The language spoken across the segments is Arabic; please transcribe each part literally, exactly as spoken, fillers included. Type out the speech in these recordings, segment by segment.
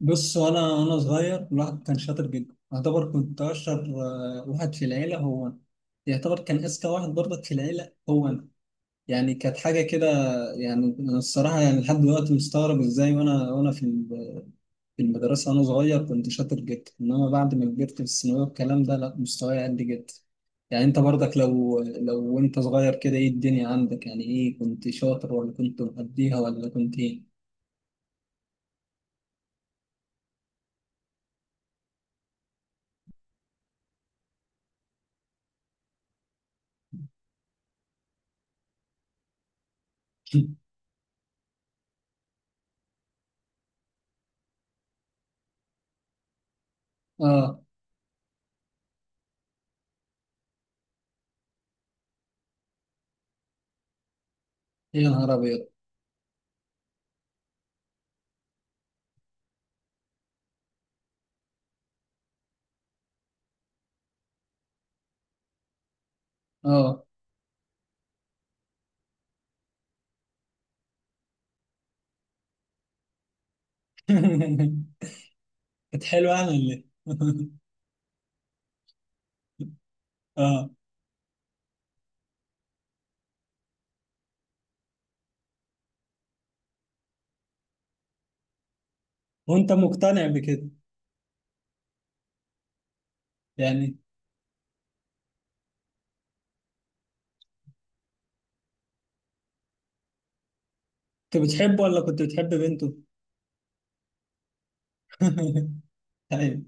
بص، وانا وانا صغير الواحد كان شاطر جدا، يعتبر كنت اشطر. آه، واحد في العيله هو انا، يعتبر كان اذكى واحد برضك في العيله هو انا. يعني كانت حاجه كده. يعني انا الصراحه يعني لحد دلوقتي مستغرب ازاي وانا وانا في ال- في المدرسه وانا صغير كنت شاطر جدا، انما بعد ما كبرت في الثانويه والكلام ده لا مستواي قل جدا. يعني انت برضك لو لو انت صغير كده ايه الدنيا عندك؟ يعني ايه، كنت شاطر ولا كنت مقضيها ولا كنت ايه؟ اه، يا نهار ابيض. اه. كانت حلوة يعني ولا ايه؟ اه. وانت مقتنع بكده؟ يعني كنت بتحبه ولا كنت بتحب بنته؟ ايوه.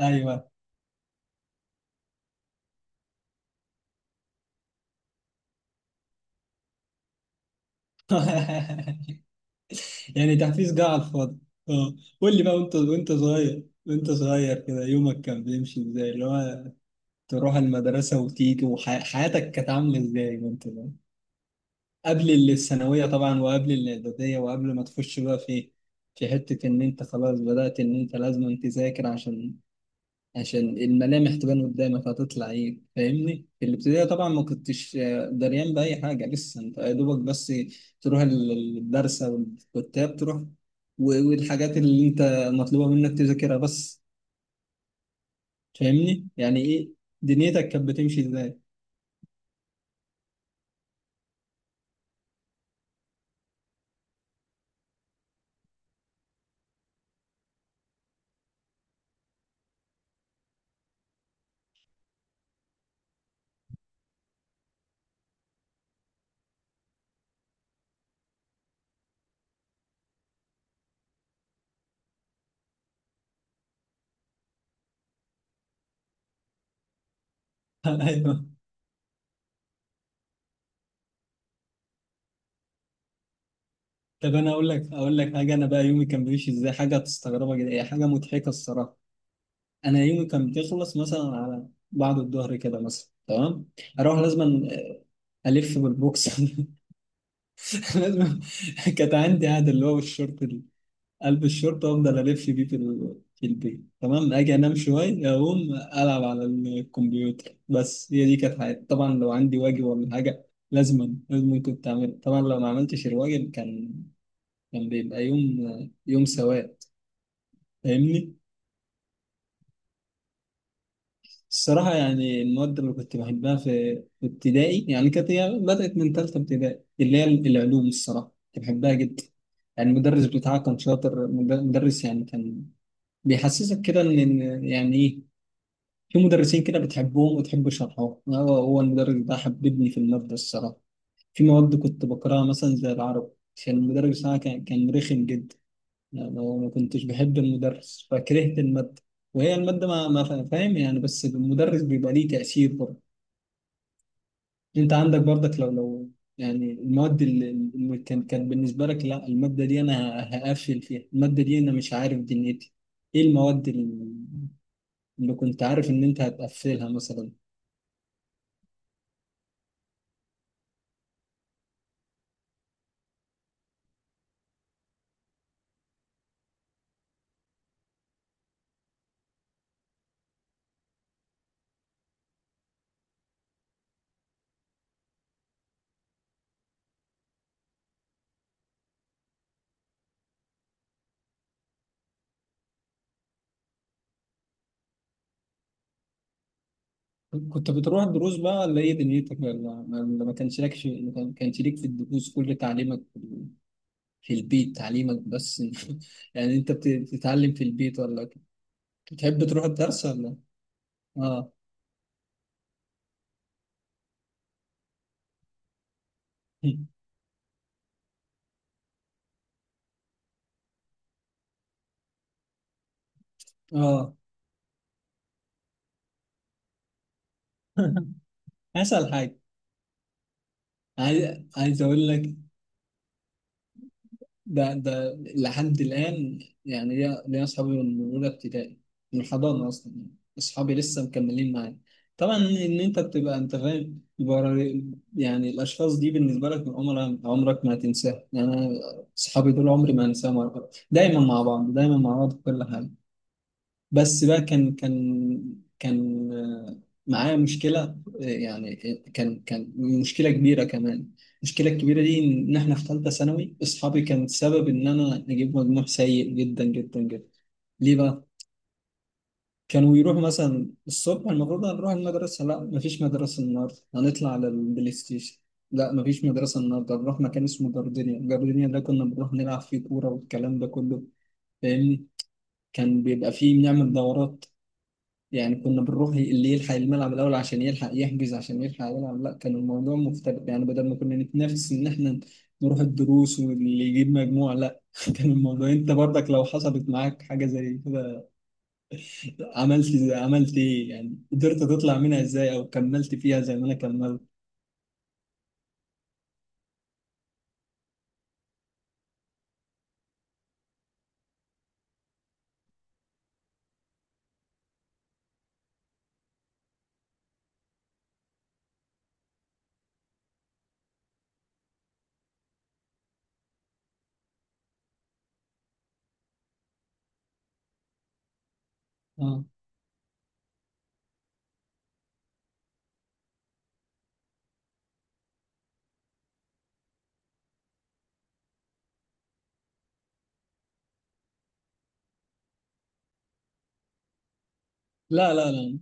ايوه. يعني تحفيز جه على الفاضي. اه. قول لي بقى، وانت وانت صغير، وانت صغير كده، يومك كان بيمشي ازاي؟ اللي هو تروح المدرسة وتيجي، وحياتك كانت عاملة ازاي وانت صغير؟ قبل الثانوية طبعا، وقبل الإعدادية، وقبل ما تخش بقى في في حتة إن أنت خلاص بدأت إن أنت لازم تذاكر عشان عشان الملامح تبان قدامك هتطلع ايه. فاهمني؟ في الابتدائي طبعا ما كنتش آه، دريان بأي حاجة، لسه انت يا دوبك بس تروح ال- الدرس او الكتاب، تروح و- والحاجات اللي انت مطلوبة منك تذاكرها بس. فاهمني؟ يعني ايه دنيتك كانت بتمشي ازاي؟ ايوه. طب انا اقول لك، اقول لك حاجة. انا بقى يومي كان بيمشي ازاي، حاجة تستغربها جدا، هي حاجة مضحكة الصراحة. انا يومي كان بيخلص مثلا على بعد الظهر كده مثلا، تمام، اروح لازما الف بالبوكس. لازم. كانت عندي عادة اللي هو الشورت ال- قلب الشورت وافضل الف بيه في ال- في البيت، تمام، اجي انام شويه، اقوم العب على الكمبيوتر. بس هي دي كانت حياتي. طبعا لو عندي واجب ولا حاجه لازما لازم كنت اعمله، طبعا لو ما عملتش الواجب كان كان بيبقى يوم يوم سواد. فاهمني؟ الصراحة يعني المواد اللي كنت بحبها في في ابتدائي، يعني كانت هي بدأت من تالتة ابتدائي، اللي هي العلوم. الصراحة كنت بحبها جدا، يعني المدرس بتاعها كان شاطر، مد- مدرس يعني كان بيحسسك كده إن إن يعني إيه، في مدرسين كده بتحبهم وتحب شرحهم. هو هو المدرس ده حببني في المادة الصراحة. في مواد كنت بكرهها مثلا زي العربي، عشان المدرس بتاعها كان كان رخم جدا. يعني هو ما كنتش بحب المدرس فكرهت المادة، وهي المادة ما ما فا- فاهم يعني، بس المدرس بيبقى ليه تأثير برضه. انت عندك برضك لو لو يعني المواد اللي اللي كان كان بالنسبه لك لا الماده دي انا هقفل فيها، الماده دي انا مش عارف دنيتي، ايه المواد اللي اللي كنت عارف ان انت هتقفلها مثلا؟ كنت بتروح دروس بقى ولا ايه دنيتك؟ ولا ولا ما كانش لك في ما كان- كانش ليك في الدروس، كل تعليمك في البيت؟ تعليمك بس؟ يعني انت بت- بتتعلم في البيت ولا بتحب تروح الدرس ولا؟ اه. اه. اسأل حاجة. عايز، عايز أقول لك، ده ده لحد الآن، يعني ليا، ليا أصحابي من أولى ابتدائي، من الحضانة أصلا، يعني أصحابي لسه مكملين معايا. طبعا إن أنت بتبقى أنت فاهم برا- يعني الأشخاص دي بالنسبة لك من عمرك، عمرك ما هتنساها. يعني أنا أصحابي دول عمري ما أنساهم، دايما مع بعض، دايما مع بعض في كل حاجة. بس بقى كان كان كان آه، معايا مشكلة. آه، يعني آه، كان كان مشكلة كبيرة كمان. المشكلة الكبيرة دي إن إحنا في ثالثة ثانوي أصحابي كان السبب إن أنا أجيب مجموع سيء جدا جدا جدا. ليه بقى؟ كانوا يروحوا مثلا الصبح المفروض هنروح المدرسة، لا مفيش مدرسة النهاردة هنطلع على البلاي ستيشن، لا مفيش مدرسة النهاردة هنروح مكان اسمه جاردينيا. جاردينيا ده كنا بنروح نلعب فيه كورة والكلام ده كله. فاهمني؟ كان بيبقى فيه بنعمل دورات يعني، كنا بنروح اللي يلحق الملعب الأول عشان يلحق يحجز عشان يلحق يلعب. لا كان الموضوع مختلف، يعني بدل ما كنا نتنافس إن إحنا نروح الدروس واللي يجيب مجموع، لا. كان الموضوع، أنت برضك لو حصلت معاك حاجة زي كده، عملت زي، عملت إيه يعني؟ قدرت تطلع منها إزاي أو كملت فيها زي ما أنا كملت؟ آه. لا لا لا،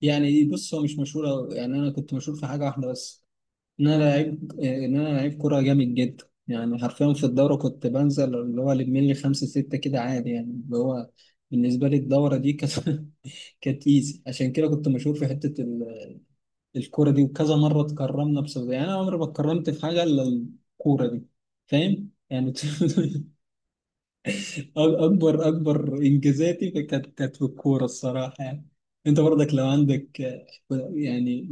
يعني بص هو مش مشهور أوي. يعني أنا كنت مشهور في حاجة واحدة بس، ان انا لعيب، آه، ان انا لعيب كوره جامد جدا، يعني حرفيا في الدوره كنت بنزل اللي هو لم لي خمسه سته كده عادي، يعني اللي هو بالنسبه لي الدوره دي كانت كانت ايزي. عشان كده كنت مشهور في حته ال- الكوره دي، وكذا مره اتكرمنا بسبب، يعني انا عمري ما اتكرمت في حاجه الا الكوره دي. فاهم يعني؟ اكبر اكبر انجازاتي كانت كانت في الكوره الصراحه، يعني انت برضك لو عندك آه، يعني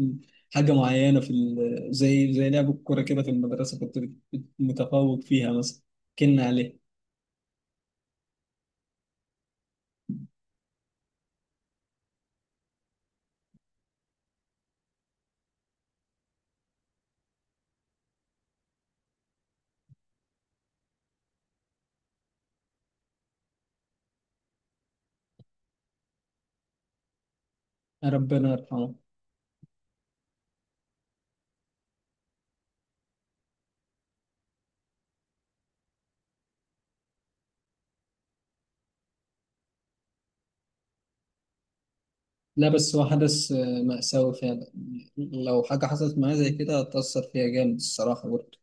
حاجه معينه في ال- زي زي لعب الكوره كده في المدرسه كنت بت- متفوق فيها مثلا، كنا عليه. ربنا يرحمه. لا بس هو حدث آه، مأساوي فعلا، لو حاجه حصلت معايا زي كده هتأثر فيها جامد الصراحه برضه.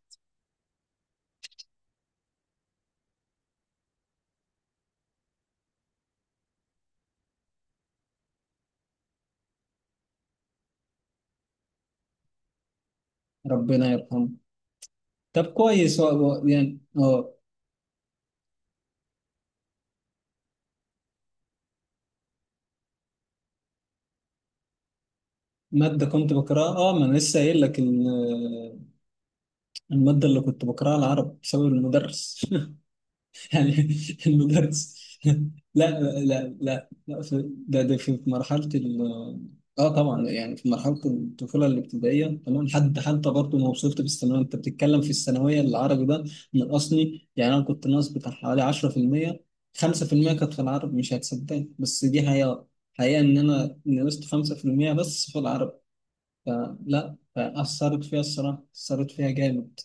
ربنا يرحمه. طب كويس، هو- هو يعني اه. ماده كنت بكرهها؟ اه، ما انا لسه قايل لك، المادة اللي كنت بكرهها العرب بسبب المدرس. يعني المدرس. لا لا، لا لا في ده، ده في مرحلة ال اه، طبعا يعني في مرحلة الطفولة الابتدائية، تمام، حد حتى برضه ما وصلت في الثانوية. انت بتتكلم في الثانوية العربي ده نقصني، يعني انا كنت ناقص بتاع حوالي عشرة في المية، خمسة في المية كانت في العربي. مش هتصدقني بس دي حقيقة، حقيقة ان انا نقصت خمسة في المية بس في العربي، فلا فأثرت فيها الصراحة، أثرت فيها جامد.